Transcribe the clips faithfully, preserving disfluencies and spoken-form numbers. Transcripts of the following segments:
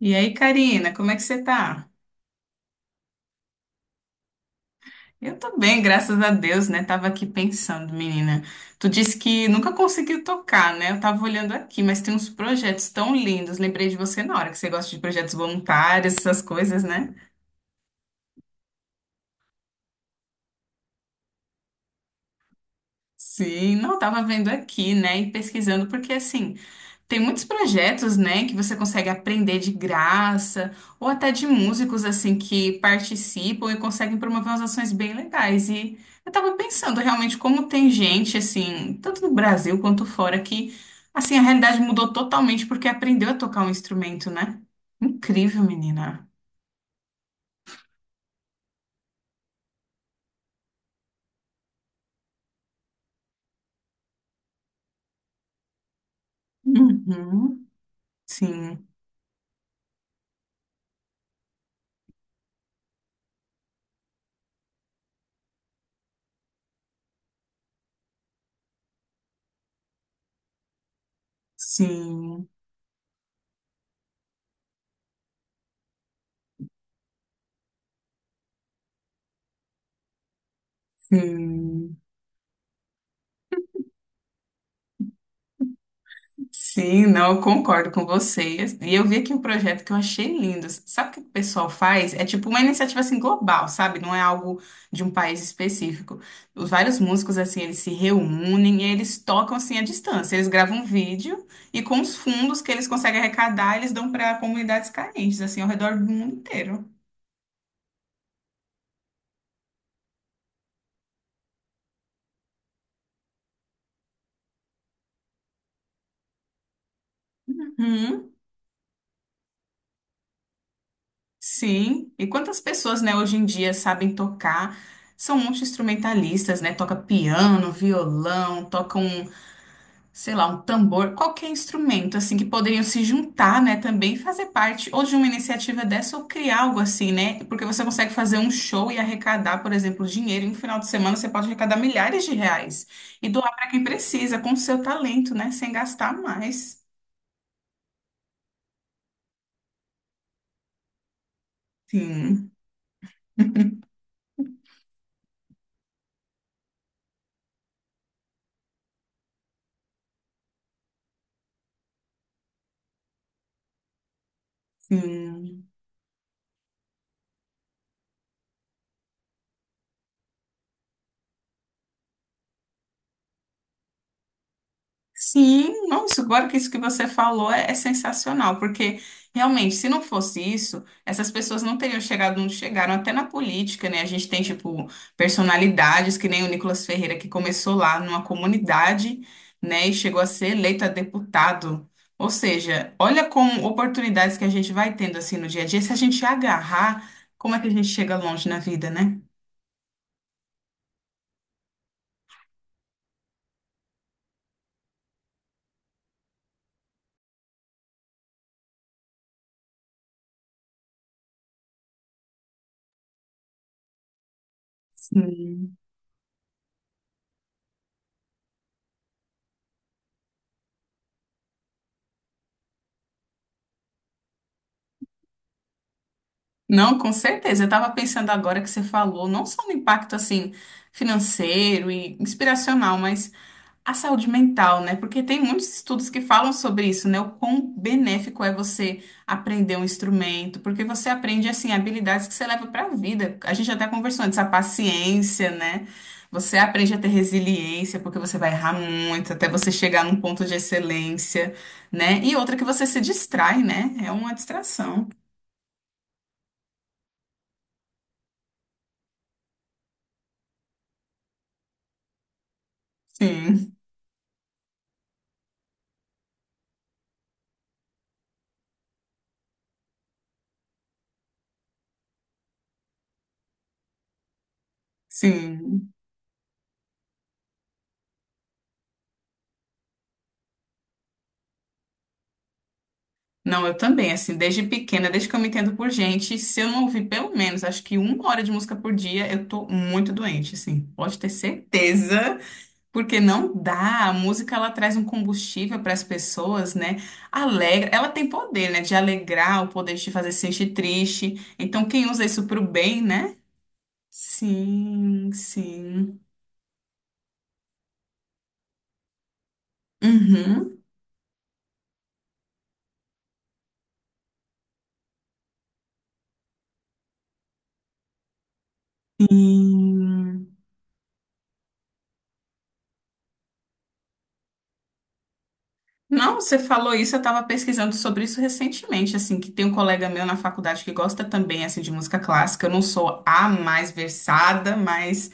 E aí, Karina, como é que você tá? Eu tô bem, graças a Deus, né? Tava aqui pensando, menina. Tu disse que nunca conseguiu tocar, né? Eu tava olhando aqui, mas tem uns projetos tão lindos. Lembrei de você na hora que você gosta de projetos voluntários, essas coisas, né? Sim, não, tava vendo aqui, né? E pesquisando, porque assim. Tem muitos projetos, né, que você consegue aprender de graça, ou até de músicos, assim, que participam e conseguem promover umas ações bem legais. E eu tava pensando realmente como tem gente, assim, tanto no Brasil quanto fora, que, assim, a realidade mudou totalmente porque aprendeu a tocar um instrumento, né? Incrível, menina. Uhum. Sim, sim, sim. Sim, não, eu concordo com vocês. E eu vi aqui um projeto que eu achei lindo. Sabe o que o pessoal faz? É tipo uma iniciativa assim global, sabe? Não é algo de um país específico. Os vários músicos assim, eles se reúnem e eles tocam assim à distância. Eles gravam um vídeo e com os fundos que eles conseguem arrecadar, eles dão para comunidades carentes assim ao redor do mundo inteiro. Uhum. Sim, e quantas pessoas, né, hoje em dia sabem tocar? São multi-instrumentalistas, né? Toca piano, violão, tocam sei lá, um tambor, qualquer instrumento assim que poderiam se juntar, né, também e fazer parte ou de uma iniciativa dessa ou criar algo assim, né? Porque você consegue fazer um show e arrecadar, por exemplo, dinheiro, e no final de semana você pode arrecadar milhares de reais e doar para quem precisa com o seu talento, né, sem gastar mais. Sim, sim. Sim, nossa, agora que isso que você falou é, é sensacional, porque realmente, se não fosse isso, essas pessoas não teriam chegado onde chegaram, até na política, né? A gente tem, tipo, personalidades, que nem o Nicolas Ferreira, que começou lá numa comunidade, né, e chegou a ser eleito a deputado. Ou seja, olha como oportunidades que a gente vai tendo, assim, no dia a dia, se a gente agarrar, como é que a gente chega longe na vida, né? Sim. Não, com certeza. Eu estava pensando agora que você falou, não só no impacto assim financeiro e inspiracional, mas a saúde mental, né? Porque tem muitos estudos que falam sobre isso, né? O quão benéfico é você aprender um instrumento, porque você aprende assim habilidades que você leva para a vida. A gente até conversou antes, a paciência, né? Você aprende a ter resiliência, porque você vai errar muito até você chegar num ponto de excelência, né? E outra que você se distrai, né? É uma distração. Sim, sim. Não, eu também, assim, desde pequena, desde que eu me entendo por gente, se eu não ouvir pelo menos, acho que uma hora de música por dia, eu tô muito doente, assim, pode ter certeza, porque não dá, a música, ela traz um combustível para as pessoas, né, alegra, ela tem poder, né, de alegrar, o poder de te fazer se sentir triste, então quem usa isso pro bem, né? Sim, sim. Uhum. Sim. Não, você falou isso, eu estava pesquisando sobre isso recentemente, assim, que tem um colega meu na faculdade que gosta também, assim, de música clássica. Eu não sou a mais versada, mas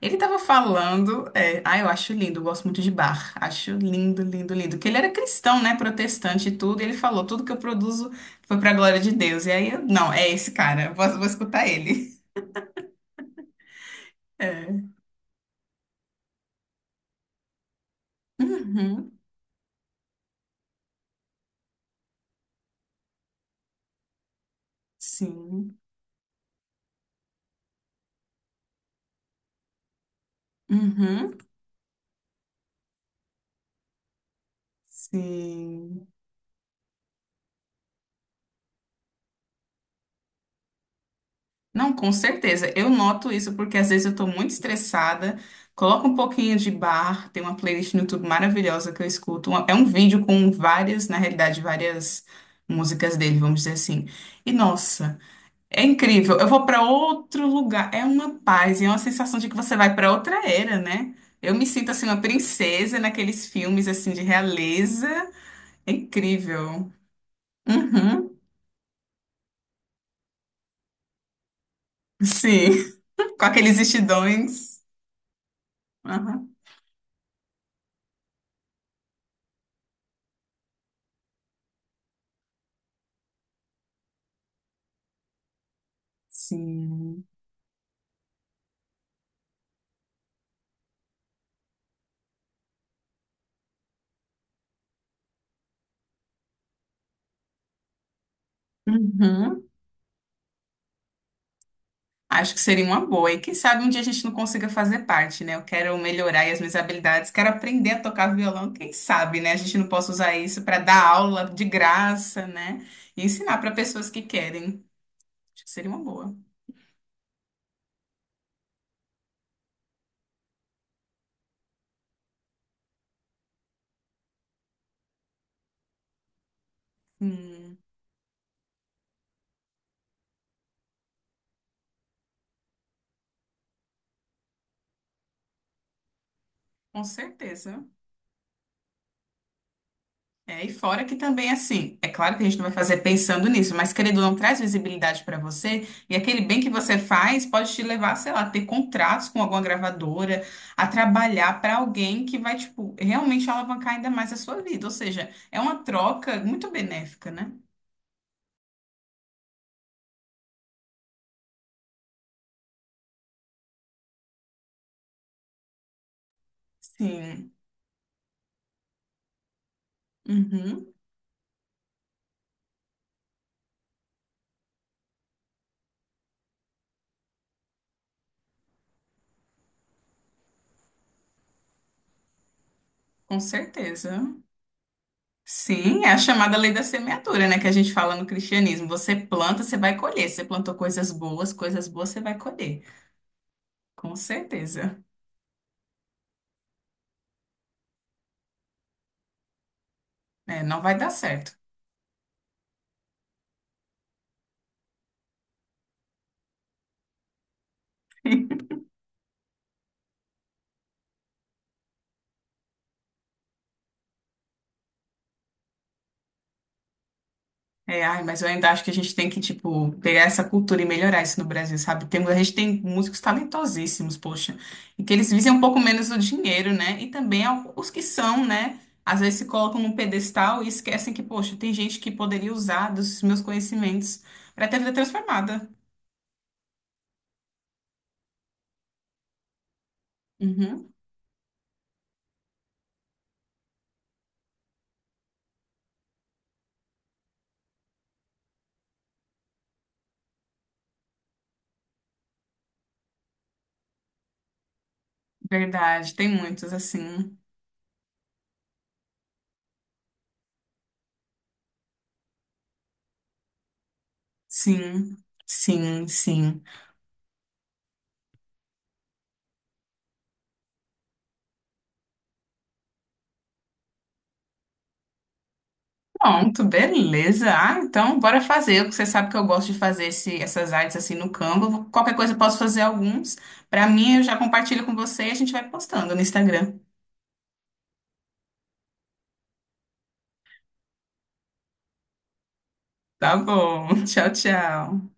ele estava falando, é, ah, eu acho lindo, eu gosto muito de Bach, acho lindo, lindo, lindo. Que ele era cristão, né, protestante e tudo, e ele falou, tudo que eu produzo foi para a glória de Deus. E aí, eu, não, é esse cara, eu vou, vou escutar ele. É. Uhum, sim. Uhum, sim. Não, com certeza. Eu noto isso porque às vezes eu tô muito estressada, coloco um pouquinho de bar, tem uma playlist no YouTube maravilhosa que eu escuto. uma- É um vídeo com várias, na realidade, várias músicas dele, vamos dizer assim. E nossa, é incrível. Eu vou para outro lugar, é uma paz, e é uma sensação de que você vai para outra era, né? Eu me sinto assim uma princesa naqueles filmes assim de realeza. É incrível. Uhum. Sim, com aqueles vestidões. Aham. Sim. Uhum. Acho que seria uma boa. E quem sabe um dia a gente não consiga fazer parte, né? Eu quero melhorar aí as minhas habilidades, quero aprender a tocar violão. Quem sabe, né? A gente não possa usar isso para dar aula de graça, né? E ensinar para pessoas que querem. Acho que seria uma boa. Hum, com certeza. É, e fora que também, assim, é claro que a gente não vai fazer pensando nisso, mas querendo ou não, traz visibilidade para você, e aquele bem que você faz pode te levar, sei lá, a ter contratos com alguma gravadora, a trabalhar para alguém que vai, tipo, realmente alavancar ainda mais a sua vida. Ou seja, é uma troca muito benéfica, né? Sim. Uhum. Com certeza. Sim, é a chamada lei da semeadura, né, que a gente fala no cristianismo. Você planta, você vai colher. Você plantou coisas boas, coisas boas você vai colher. Com certeza. É, não vai dar certo. É, ai, mas eu ainda acho que a gente tem que, tipo, pegar essa cultura e melhorar isso no Brasil, sabe? Tem, a gente tem músicos talentosíssimos, poxa, e que eles visem um pouco menos o dinheiro, né? E também al- os que são, né? Às vezes se colocam num pedestal e esquecem que, poxa, tem gente que poderia usar dos meus conhecimentos para ter vida transformada. Uhum, verdade, tem muitos assim. Sim, sim, sim. Pronto, beleza. Ah, então bora fazer. Você sabe que eu gosto de fazer esse, essas artes assim no Canva. Qualquer coisa eu posso fazer alguns. Pra mim, eu já compartilho com você e a gente vai postando no Instagram. Tá bom. Tchau, tchau.